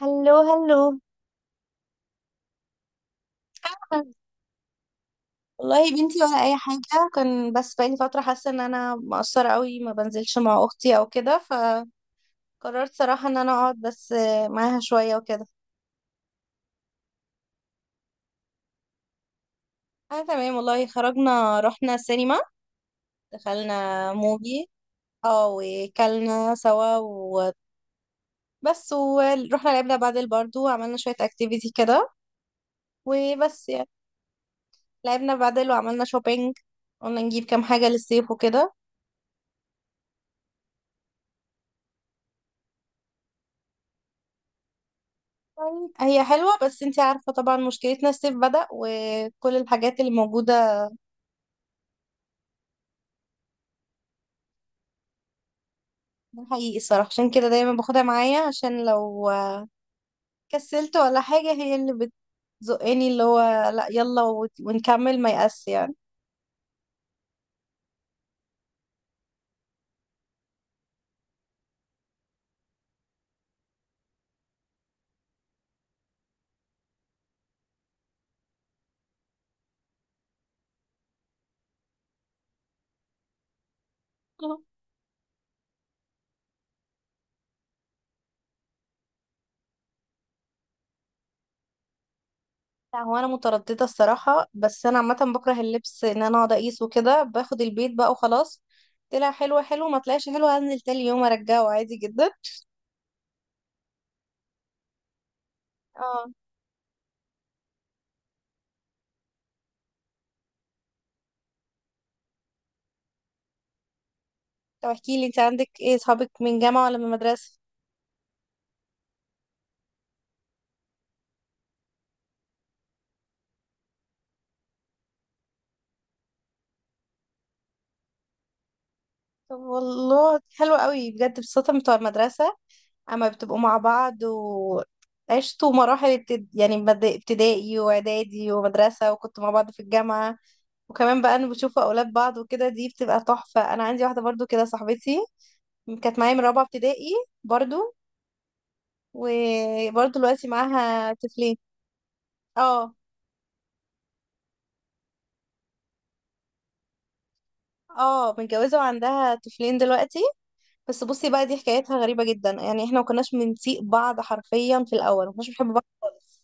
هلو هلو. أنا والله يا بنتي ولا اي حاجه، كان بس بقالي فتره حاسه ان انا مقصره قوي، ما بنزلش مع اختي او كده فقررت صراحه ان انا اقعد بس معاها شويه وكده. انا تمام والله، خرجنا رحنا السينما، دخلنا موفي. اه وكلنا سوا وبس، ورحنا لعبنا بادل برضو وعملنا شويه اكتيفيتي كده، وبس يعني. لعبنا بادل وعملنا شوبينج، قلنا نجيب كام حاجه للصيف وكده. هي حلوة بس انتي عارفة طبعا مشكلتنا الصيف بدأ وكل الحاجات اللي موجودة. ده حقيقي الصراحة، عشان كده دايما باخدها معايا عشان لو كسلت ولا حاجة هي اللي بتزقني، اللي هو لا يلا ونكمل ما يأس يعني. لا هو انا مترددة الصراحة، بس انا عامة بكره اللبس ان انا اقعد اقيس وكده، باخد البيت بقى وخلاص. طلع حلو حلو، ما طلعش حلو هنزل تاني يوم ارجعه عادي جدا. اه طب احكيلي انت عندك ايه صحابك، من جامعة ولا من مدرسة؟ طب والله حلو قوي بجد، بصراحة بتوع المدرسة اما بتبقوا مع بعض وعشتوا مراحل يعني ابتدائي واعدادي ومدرسة، وكنتوا مع بعض في الجامعة، وكمان بقى انا بشوف اولاد بعض وكده، دي بتبقى تحفة. انا عندي واحدة برضو كده صاحبتي، كانت معايا من رابعة ابتدائي برضو، وبرضو دلوقتي معاها طفلين. اه اه متجوزة وعندها طفلين دلوقتي. بس بصي بقى، دي حكايتها غريبة جدا، يعني احنا ما كناش بنسيق بعض حرفيا، في الاول ما كناش بنحب بعض خالص.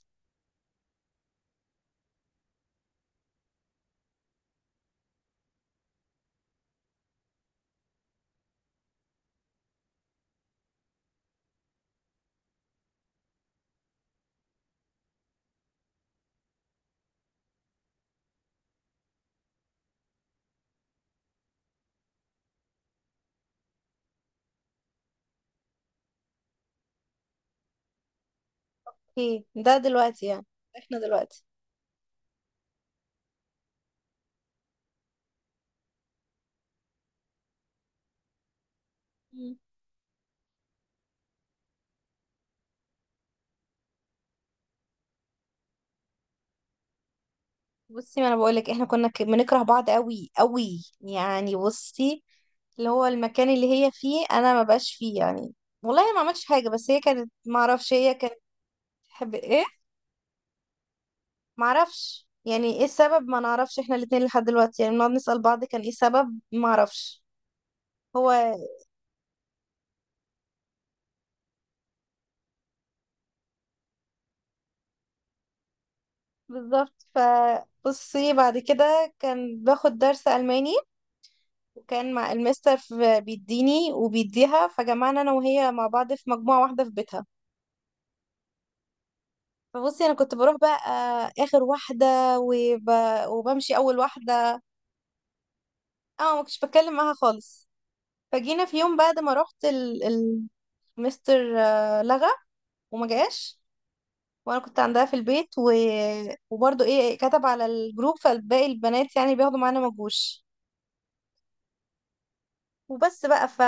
ايه ده دلوقتي يعني؟ احنا دلوقتي؟ مم. بصي، ما انا بقولك احنا كنا بنكره بعض قوي قوي، يعني بصي، اللي هو المكان اللي هي فيه انا ما بقاش فيه يعني، والله ما عملتش حاجه، بس هي كانت، ما اعرفش، هي كانت تحب ايه، ما اعرفش يعني ايه السبب، ما نعرفش احنا الاتنين لحد دلوقتي، يعني بنقعد نسال بعض كان ايه السبب، ما اعرفش. هو بالظبط ف بصي بعد كده كان باخد درس الماني، وكان مع المستر بيديني وبيديها، فجمعنا انا وهي مع بعض في مجموعة واحدة في بيتها. فبصي انا كنت بروح بقى، اخر واحدة، وب... وبمشي اول واحدة. اه ما كنتش بتكلم معاها خالص، فجينا في يوم بعد ما رحت مستر، لغى وما جاش، وانا كنت عندها في البيت وبرضه ايه كتب على الجروب، فالباقي البنات يعني بياخدوا معانا ما جوش. وبس بقى ف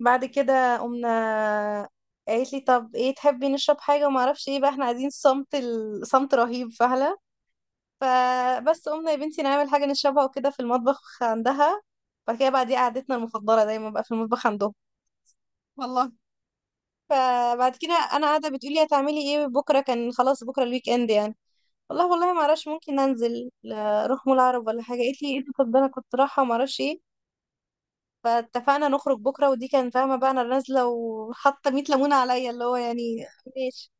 بعد كده قمنا، قالت لي طب ايه تحبي نشرب حاجه وما اعرفش ايه، بقى احنا عايزين صمت، صمت رهيب فهلا. فبس قمنا يا بنتي نعمل حاجه نشربها وكده في المطبخ عندها، بعد كده بقى دي قعدتنا المفضله دايما بقى في المطبخ عندهم. والله. فبعد كده انا قاعده بتقولي هتعملي ايه بكره، كان خلاص بكره الويك اند يعني، والله والله ما اعرفش ممكن انزل، اروح مول عرب ولا حاجه. قالت لي ايه ده، طب ده انا كنت رايحه ما اعرفش ايه، فاتفقنا نخرج بكرة، ودي كان فاهمة بقى أنا نازلة وحاطة 100 ليمونة عليا، اللي هو يعني ماشي.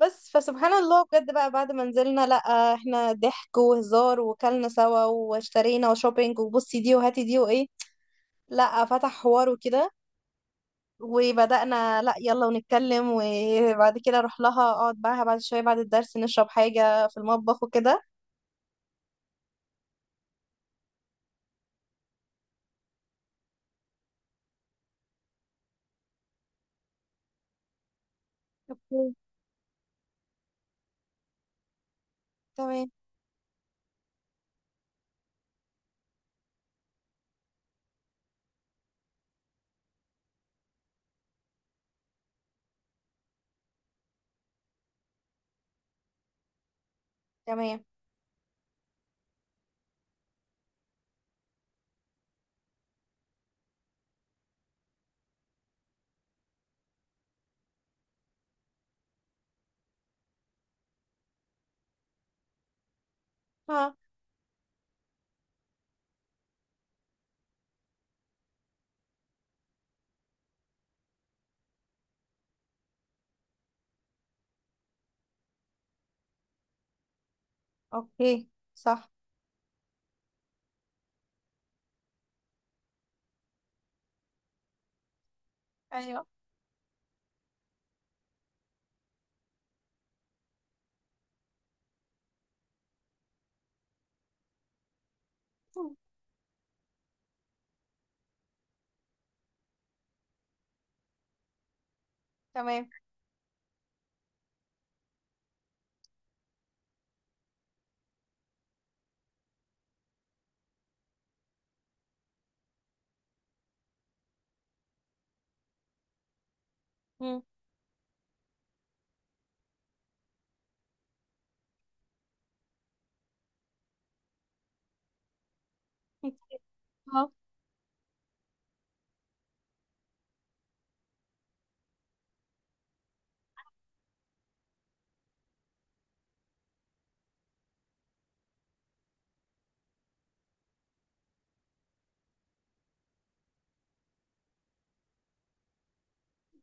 بس فسبحان الله بجد بقى، بعد ما نزلنا لأ احنا ضحك وهزار وكلنا سوا واشترينا وشوبينج، وبصي دي وهاتي دي وإيه، لأ فتح حوار وكده، وبدأنا لأ يلا ونتكلم، وبعد كده أروح لها أقعد معاها بعد شوية بعد الدرس نشرب حاجة في المطبخ وكده. اوكي. تمام تمام. ها. أوكي. صح. أيوه. تمام. مم.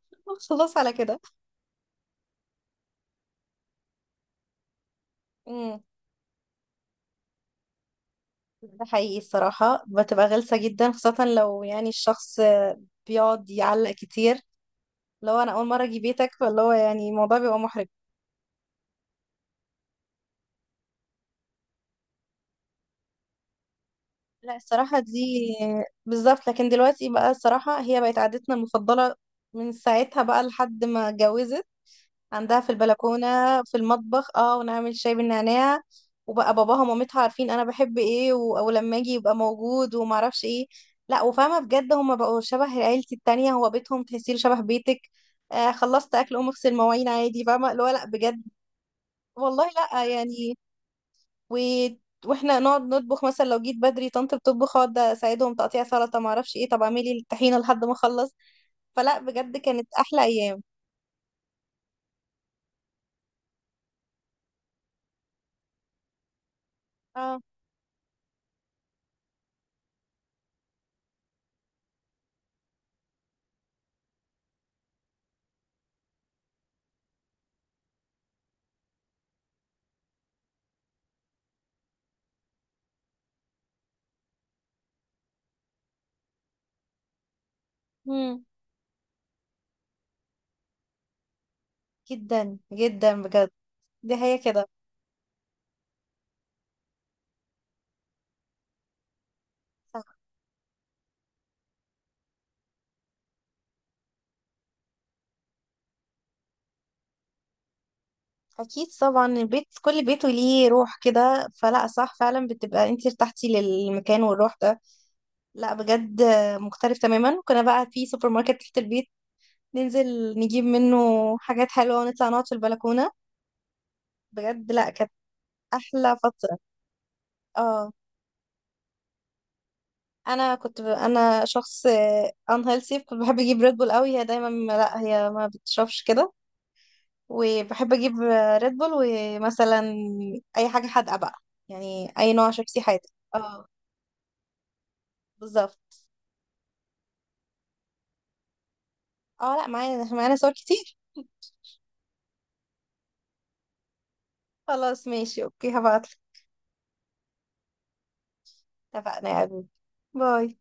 خلاص على كده. امم ده حقيقي الصراحة، بتبقى غلسة جدا، خاصة لو يعني الشخص بيقعد يعلق كتير، لو أنا أول مرة أجي بيتك، فاللي هو يعني الموضوع بيبقى محرج. لا الصراحة دي بالظبط. لكن دلوقتي بقى الصراحة هي بقت عادتنا المفضلة، من ساعتها بقى لحد ما اتجوزت، عندها في البلكونة، في المطبخ اه، ونعمل شاي بالنعناع، وبقى باباها ومامتها عارفين انا بحب ايه او لما اجي يبقى موجود ومعرفش ايه. لا وفاهمة بجد، هما بقوا شبه عيلتي التانية، هو بيتهم تحسيه شبه بيتك. آه خلصت اكل قوم اغسل مواعين عادي، فاهمة اللي هو، لا بجد. والله لا يعني، و... واحنا نقعد نطبخ، مثلا لو جيت بدري طنط بتطبخ، اقعد اساعدهم تقطيع سلطة، معرفش ايه طب اعملي الطحينة لحد ما اخلص. فلا بجد كانت احلى ايام. اه. مم. جدا جدا بجد، دي هي كده. صح. اكيد طبعا، البيت كل بيت وليه روح كده، فلا صح فعلا، بتبقى انت ارتحتي للمكان والروح ده. لا بجد مختلف تماما. كنا بقى في سوبر ماركت تحت البيت، ننزل نجيب منه حاجات حلوة ونطلع نقعد في البلكونة. بجد لا كانت احلى فترة. اه انا كنت انا شخص ان هيلثي، كنت بحب اجيب ريد بول قوي، هي دايما لا هي ما بتشربش كده. وبحب اجيب ريد بول، ومثلا اي حاجه حادقه بقى، يعني اي نوع شيبسي حادق. اه بالظبط. اه لا معانا معانا صور كتير. خلاص ماشي اوكي، هبعتلك. اتفقنا يا حبيبي. باي.